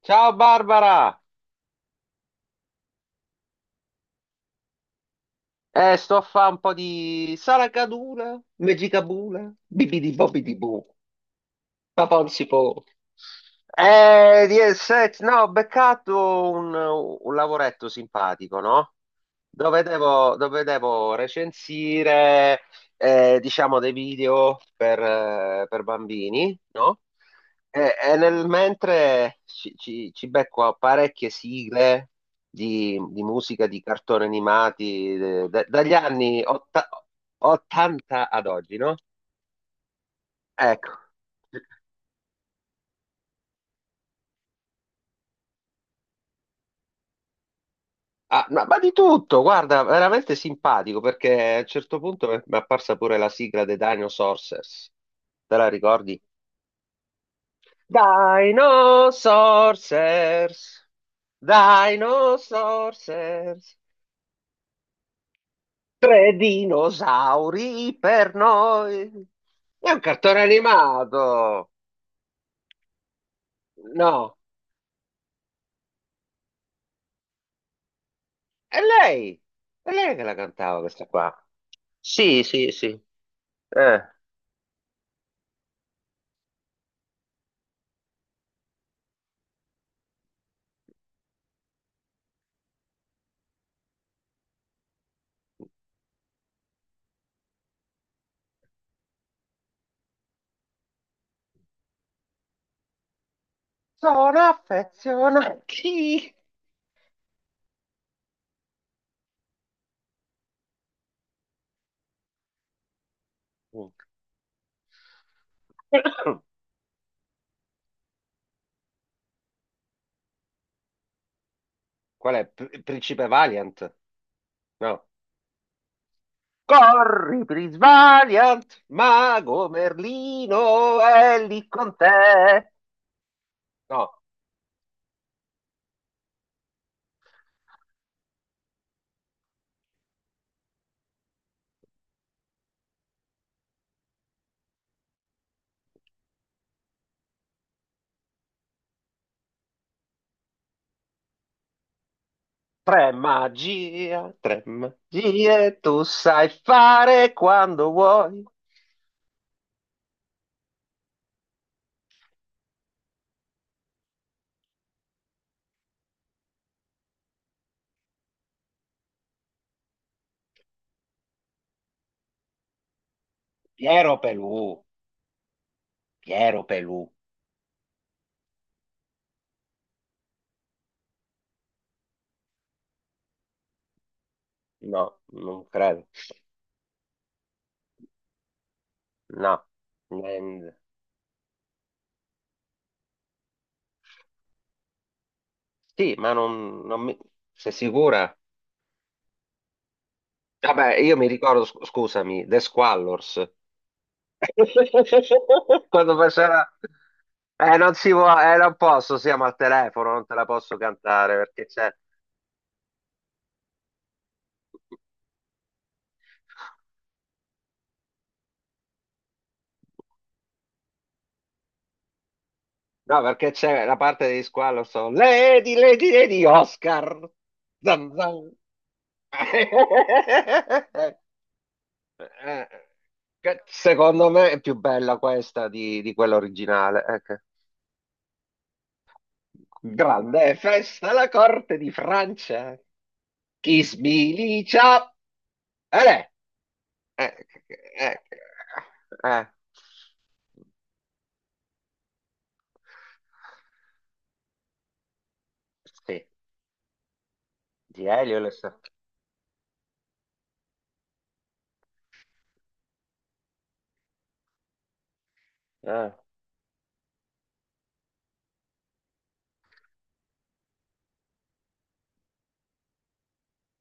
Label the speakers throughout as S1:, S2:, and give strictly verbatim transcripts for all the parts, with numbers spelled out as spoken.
S1: Ciao Barbara! Eh, sto a fare un po' di saracadula, megicabula, bibidi bobidi bu, papà non si può. Eh, di eh, set, no, Ho beccato un, un lavoretto simpatico, no? Dove devo, dove devo recensire, eh, diciamo, dei video per, eh, per bambini, no? E, e nel mentre ci, ci, ci becco a parecchie sigle di, di musica, di cartoni animati, eh, da- dagli anni otta- ottanta ad oggi, no? Ecco. Ah, ma, ma di tutto, guarda, veramente simpatico perché a un certo punto mi mi è apparsa pure la sigla dei Dinosaurs. Te la ricordi? Dinosaurs, Dinosaurs, tre dinosauri per noi. È un cartone animato. No, è lei, è lei che la cantava questa qua. Sì, sì, sì. Eh. Sono affezionati. Qual è? Pr- Principe Valiant? No. Corri, Prince Valiant, mago Merlino è lì con te. No. Tre magia, tre magie, tu sai fare quando vuoi. Piero Pelù, Piero Pelù. No, non credo. No. Nen- Sì, ma non, non mi... Sei sicura? Vabbè, io mi ricordo, sc- scusami, The Squallors. Quando faceva... Eh, non si può, eh, non posso, siamo al telefono, non te la posso cantare perché c'è... No, perché c'è la parte degli squalo, so, Lady, Lady, Lady, Oscar. Zan, zan. Eh, che secondo me è più bella questa di, di quella originale. Ecco. Grande festa alla corte di Francia. Chi sbilicia? eh, eh, eh, sì, di Elio le sa- Ah,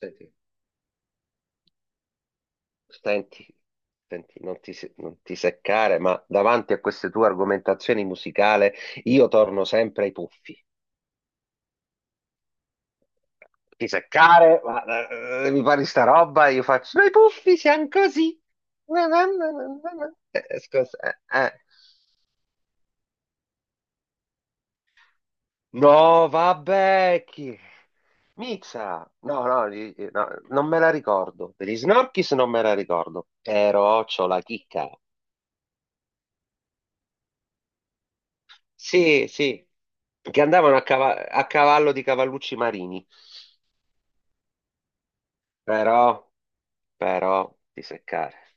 S1: senti, senti, senti, non ti, se- non ti seccare, ma davanti a queste tue argomentazioni musicali io torno sempre ai puffi. Ti seccare, ma eh, mi pare sta roba, io faccio, ma i puffi siamo così. Eh, eh, eh, eh, scusa, eh, eh. No, vabbè, chi... Mizza! No, no, gli- no, non me la ricordo. Per gli Snorkis non me la ricordo, però c'ho la chicca. Sì, sì, che andavano a, cava- a cavallo di cavallucci marini. Però, però, di seccare.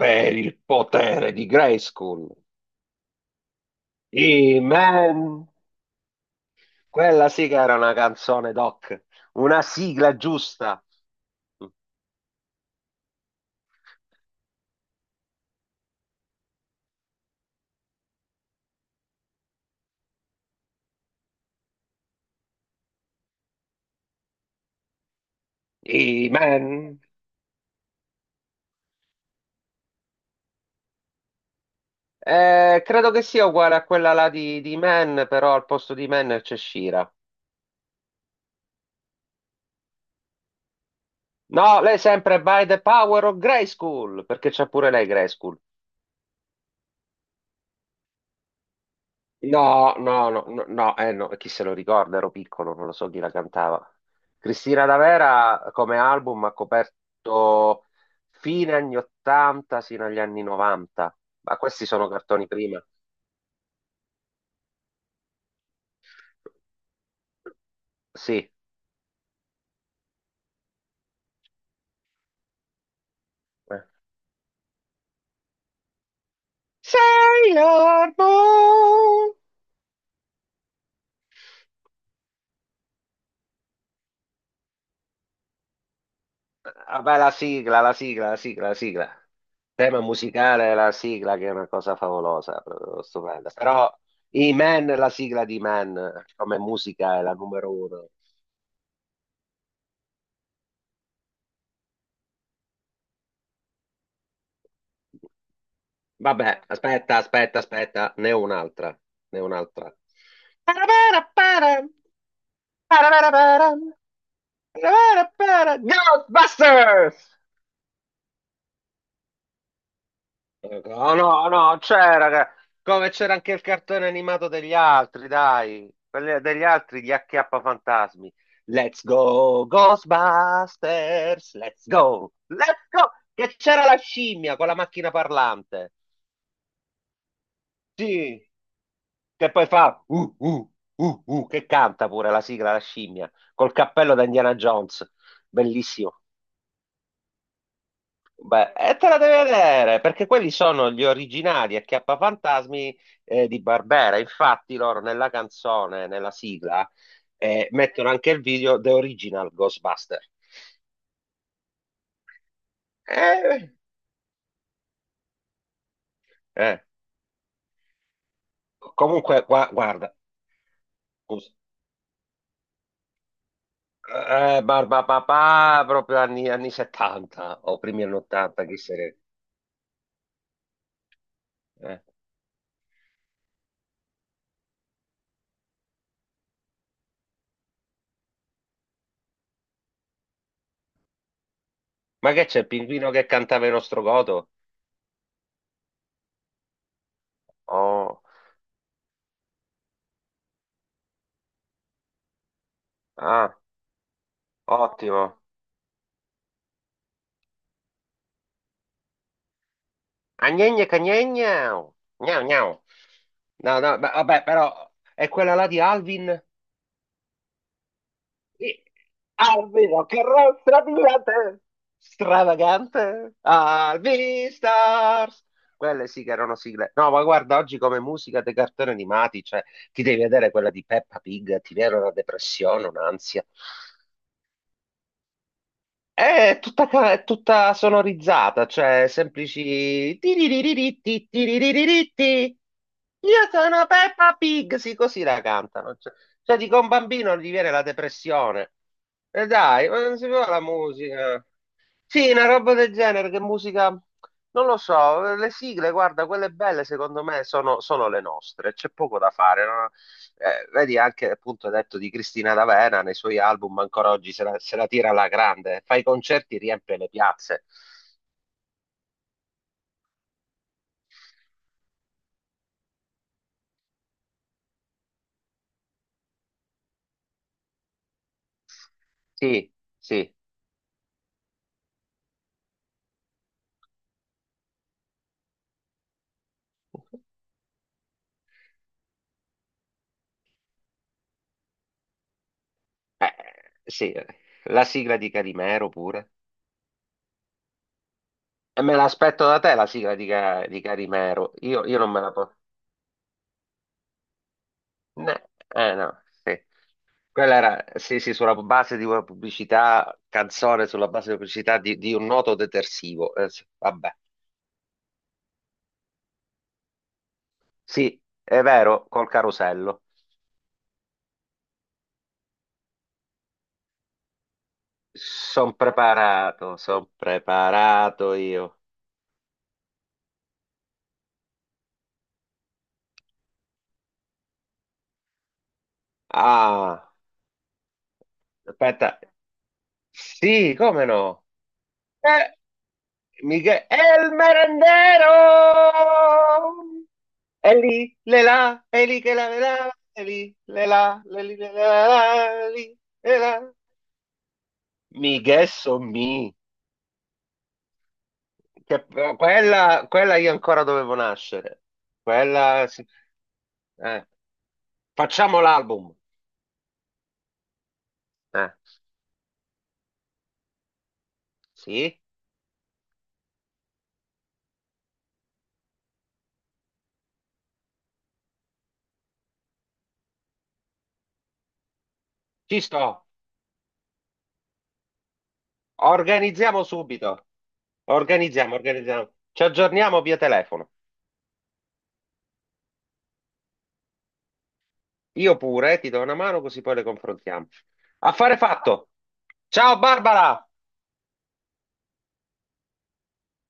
S1: Per il potere di Grayskull. Amen! Quella sì che era una canzone, Doc. Una sigla giusta. Amen! Eh, credo che sia uguale a quella là di, di Man, però al posto di Man c'è Shira. No, lei è sempre by the power of Grayskull, perché c'è pure lei Grayskull. No, no, no, no, no, eh, no, chi se lo ricorda, ero piccolo, non lo so chi la cantava. Cristina D'Avera come album ha coperto fine anni ottanta sino agli anni novanta, ma questi sono cartoni prima. Sì. eh. Sailor Moon! Ah, beh, la sigla, la sigla, la sigla, la sigla. Tema musicale, la sigla che è una cosa favolosa, proprio stupenda. Però i Man, la sigla di Man, come musica è la numero uno. Vabbè, aspetta, aspetta, aspetta, ne ho un'altra, ne ho un'altra. Parabara, para, parabara, para, parabara, para. Ghostbusters! Oh no, no, c'era, raga. Come c'era anche il cartone animato degli altri, dai, quelli degli altri, gli acchiappafantasmi. Let's go, Ghostbusters, let's go, let's go, che c'era la scimmia con la macchina parlante. Sì, che poi fa, uh, uh, uh, uh, che canta pure la sigla, la scimmia, col cappello da Indiana Jones, bellissimo. Beh, e te la devi vedere, perché quelli sono gli originali Acchiappafantasmi eh, di Barbera. Infatti loro nella canzone, nella sigla, eh, mettono anche il video The Original Ghostbuster. Eh, eh. Comunque, gua- guarda, scusa. Eh, Barba Papà, proprio anni, anni settanta o primi anni ottanta, chi se ne... eh. Ma che c'è, il pinguino che cantava il nostro godo? Oh, ah, ottimo. Agnegna cagnegna. Gnau gnau. No, no, beh, vabbè, però è quella là di Alvin. Sì. Alvino, carrozza brillante, Stravagante. Alvin Stars. Quelle sì che erano sigle. No, ma guarda, oggi come musica dei cartoni animati, cioè, ti devi vedere quella di Peppa Pig, ti viene una depressione, un'ansia. È tutta, ca- è tutta sonorizzata, cioè semplici... tiririritti, tiririritti. Io sono Peppa Pig, sì, così la cantano. Cioè, cioè, dico, a un bambino gli viene la depressione. E dai, ma non si fa la musica. Sì, una roba del genere, che musica, non lo so, le sigle, guarda, quelle belle secondo me sono, sono le nostre, c'è poco da fare, no? Eh, vedi anche appunto hai detto di Cristina D'Avena nei suoi album, ancora oggi se la, se la tira alla grande, fa i concerti, riempie le piazze. Sì, sì, sì, la sigla di Carimero pure. E me l'aspetto da te la sigla di, Ca- di Carimero, io, io non me la posso... Eh, no, sì. Quella era, sì, sì, sulla base di una pubblicità, canzone sulla base di una pubblicità di, di un noto detersivo. Eh, sì, vabbè, sì, è vero, col carosello. Sono preparato, sono preparato io. Ah, aspetta, sì, come no? Eh, Michele, è il merendero! È lì, le là, è lì che la le là, è lì, le là, le lì, le là, le lì, le là. Mi ghesso mi. Che- però quella, quella io ancora dovevo nascere. Quella, sì. Eh, Facciamo l'album. Eh, sì, ci sto. Organizziamo subito. Organizziamo, organizziamo. Ci aggiorniamo via telefono. Io pure, eh, ti do una mano così poi le confrontiamo. Affare fatto. Ciao Barbara.